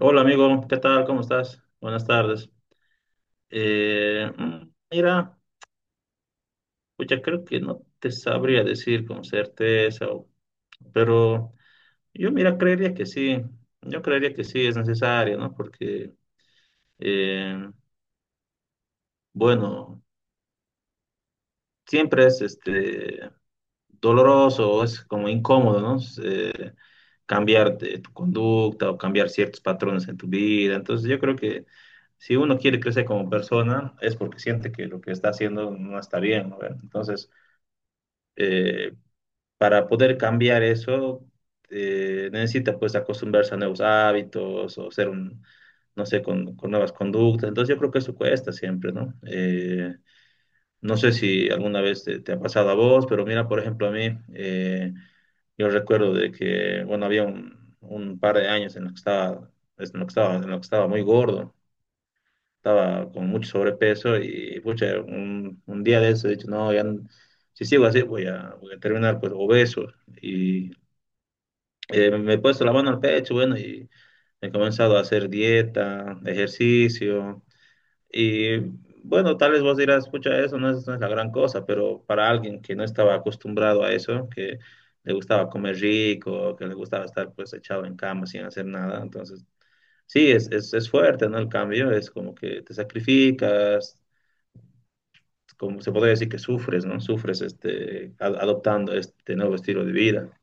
Hola amigo, ¿qué tal? ¿Cómo estás? Buenas tardes. Mira, pues ya creo que no te sabría decir con certeza, pero yo mira, creería que sí, yo creería que sí es necesario, ¿no? Porque, eh, bueno, siempre es doloroso, es como incómodo, ¿no? Eh, Cambiar de tu conducta o cambiar ciertos patrones en tu vida. Entonces yo creo que si uno quiere crecer como persona es porque siente que lo que está haciendo no está bien, ¿no? Bueno, Entonces, eh, para poder cambiar eso, necesita pues acostumbrarse a nuevos hábitos o ser un, no sé, con nuevas conductas. Entonces yo creo que eso cuesta siempre, ¿no? No sé si alguna vez te ha pasado a vos, pero mira, por ejemplo, a mí. Yo recuerdo de que, bueno, había un par de años en los que estaba, en lo que estaba, en lo que estaba muy gordo, estaba con mucho sobrepeso y, pucha, un día de eso he dicho, no, ya, si sigo así voy a terminar pues obeso. Y me he puesto la mano al pecho, bueno, y he comenzado a hacer dieta, ejercicio. Y bueno, tal vez vos dirás, pucha, eso no es, no es la gran cosa, pero para alguien que no estaba acostumbrado a eso, que le gustaba comer rico, que le gustaba estar pues echado en cama sin hacer nada, entonces sí, es fuerte, ¿no? El cambio es como que te sacrificas, como se podría decir que sufres, ¿no? Sufres adoptando este nuevo estilo de vida.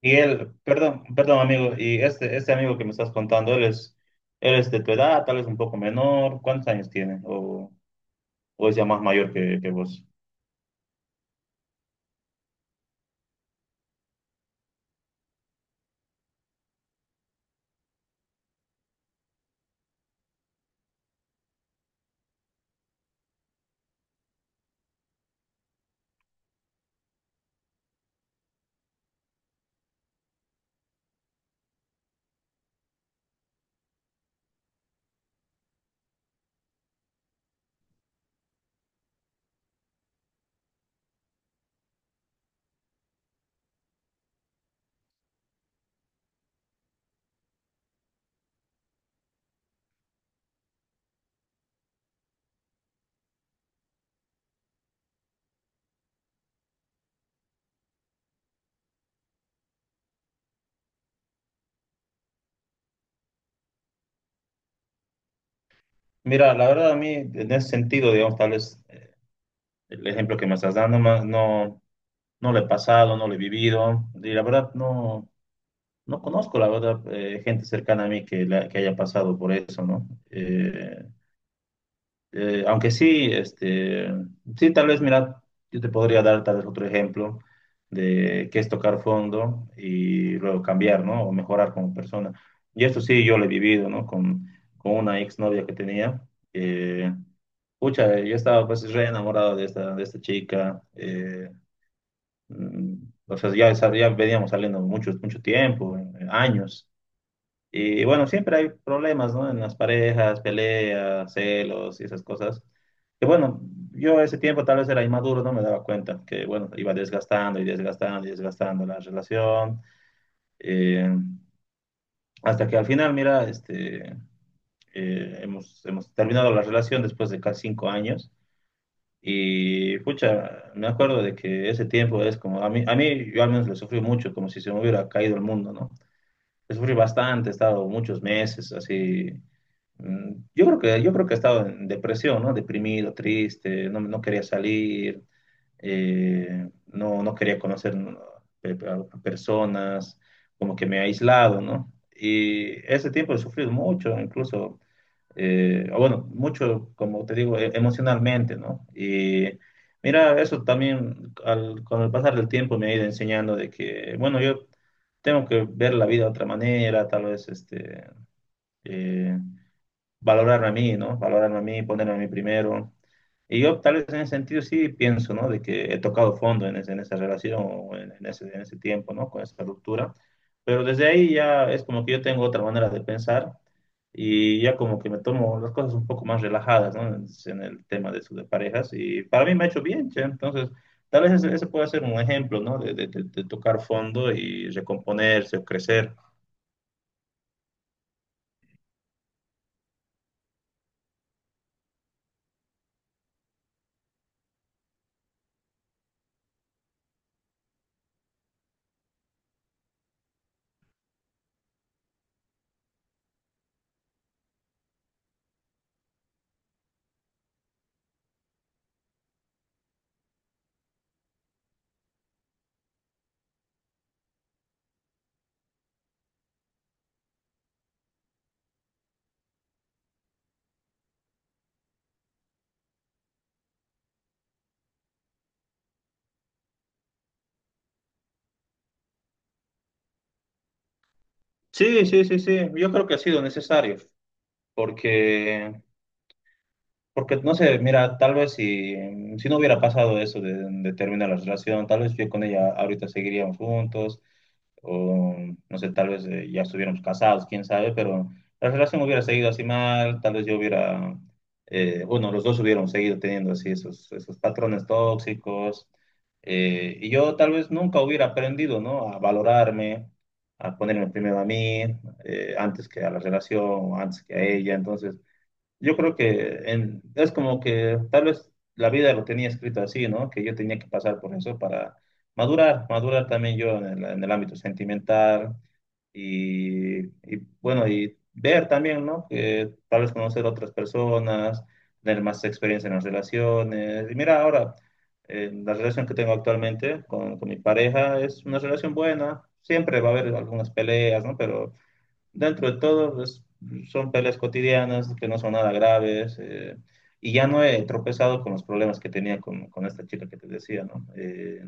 Y él, perdón amigo, y este amigo que me estás contando, él es de tu edad, tal vez un poco menor, ¿cuántos años tiene? O sea más mayor que vos. Mira, la verdad a mí en ese sentido, digamos, tal vez el ejemplo que me estás dando más no, no lo he pasado, no lo he vivido y la verdad no, no conozco, la verdad, gente cercana a mí que, que haya pasado por eso, ¿no? Aunque sí, sí, tal vez, mira, yo te podría dar tal vez otro ejemplo de qué es tocar fondo y luego cambiar, ¿no? O mejorar como persona. Y esto sí, yo lo he vivido, ¿no? Con una exnovia que tenía. Eh, Pucha, yo estaba pues re enamorado de esta chica. mm, o sea, ya, ya veníamos saliendo mucho, mucho tiempo, años. Y bueno, siempre hay problemas, ¿no? En las parejas, peleas, celos y esas cosas. Que bueno, yo ese tiempo tal vez era inmaduro, no me daba cuenta que bueno, iba desgastando y desgastando y desgastando la relación. eh, Hasta que al final, mira, hemos terminado la relación después de casi 5 años. Y pucha, me acuerdo de que ese tiempo es como, a mí yo al menos le sufrí mucho, como si se me hubiera caído el mundo, ¿no? Sufrí bastante, he estado muchos meses así. Yo creo que he estado en depresión, ¿no? Deprimido, triste, no, no quería salir, no, no quería conocer, ¿no? A personas, como que me he aislado, ¿no? Y ese tiempo he sufrido mucho, incluso o bueno, mucho, como te digo, emocionalmente, ¿no? Y mira, eso también con el pasar del tiempo me ha ido enseñando de que, bueno, yo tengo que ver la vida de otra manera, tal vez, eh, valorarme a mí, ¿no? Valorarme a mí, ponerme a mí primero. Y yo tal vez en ese sentido sí pienso, ¿no? De que he tocado fondo en, en esa relación o en, en ese tiempo, ¿no? Con esa ruptura. Pero desde ahí ya es como que yo tengo otra manera de pensar y ya como que me tomo las cosas un poco más relajadas, ¿no? En el tema de, de parejas y para mí me ha hecho bien, che. Entonces, tal vez ese, ese puede ser un ejemplo, ¿no? De, de tocar fondo y recomponerse o crecer. Sí, sí, sí, sí. Yo creo que ha sido necesario porque... Porque, no sé, mira, tal vez si, si no hubiera pasado eso de terminar la relación, tal vez yo con ella ahorita seguiríamos juntos, o no sé, tal vez ya estuviéramos casados, quién sabe, pero la relación hubiera seguido así mal, tal vez yo hubiera, bueno, los dos hubiéramos seguido teniendo así esos, esos patrones tóxicos, y yo tal vez nunca hubiera aprendido, ¿no? A valorarme, a ponerme primero a mí, antes que a la relación, antes que a ella, entonces... Yo creo que es como que tal vez la vida lo tenía escrito así, ¿no? Que yo tenía que pasar por eso para madurar, madurar también yo en el ámbito sentimental y, bueno, y ver también, ¿no? Que tal vez conocer otras personas, tener más experiencia en las relaciones. Y mira, ahora, la relación que tengo actualmente con mi pareja es una relación buena. Siempre va a haber algunas peleas, ¿no? Pero dentro de todo, pues, son peleas cotidianas que no son nada graves. Y ya no he tropezado con los problemas que tenía con esta chica que te decía, ¿no?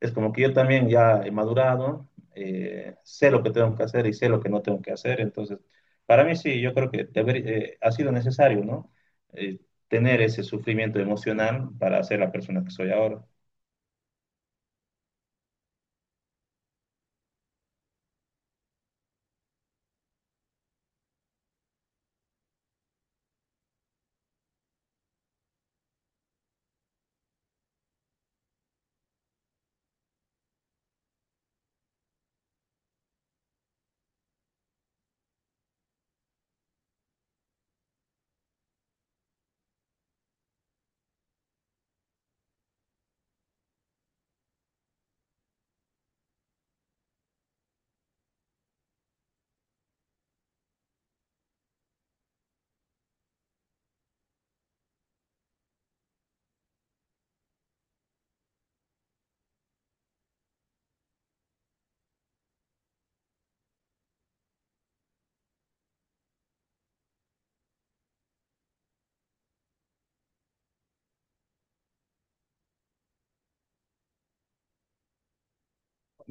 Es como que yo también ya he madurado, sé lo que tengo que hacer y sé lo que no tengo que hacer. Entonces, para mí sí, yo creo que ha sido necesario, ¿no? Eh, Tener ese sufrimiento emocional para ser la persona que soy ahora.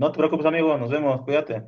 No te preocupes, amigo, nos vemos, cuídate.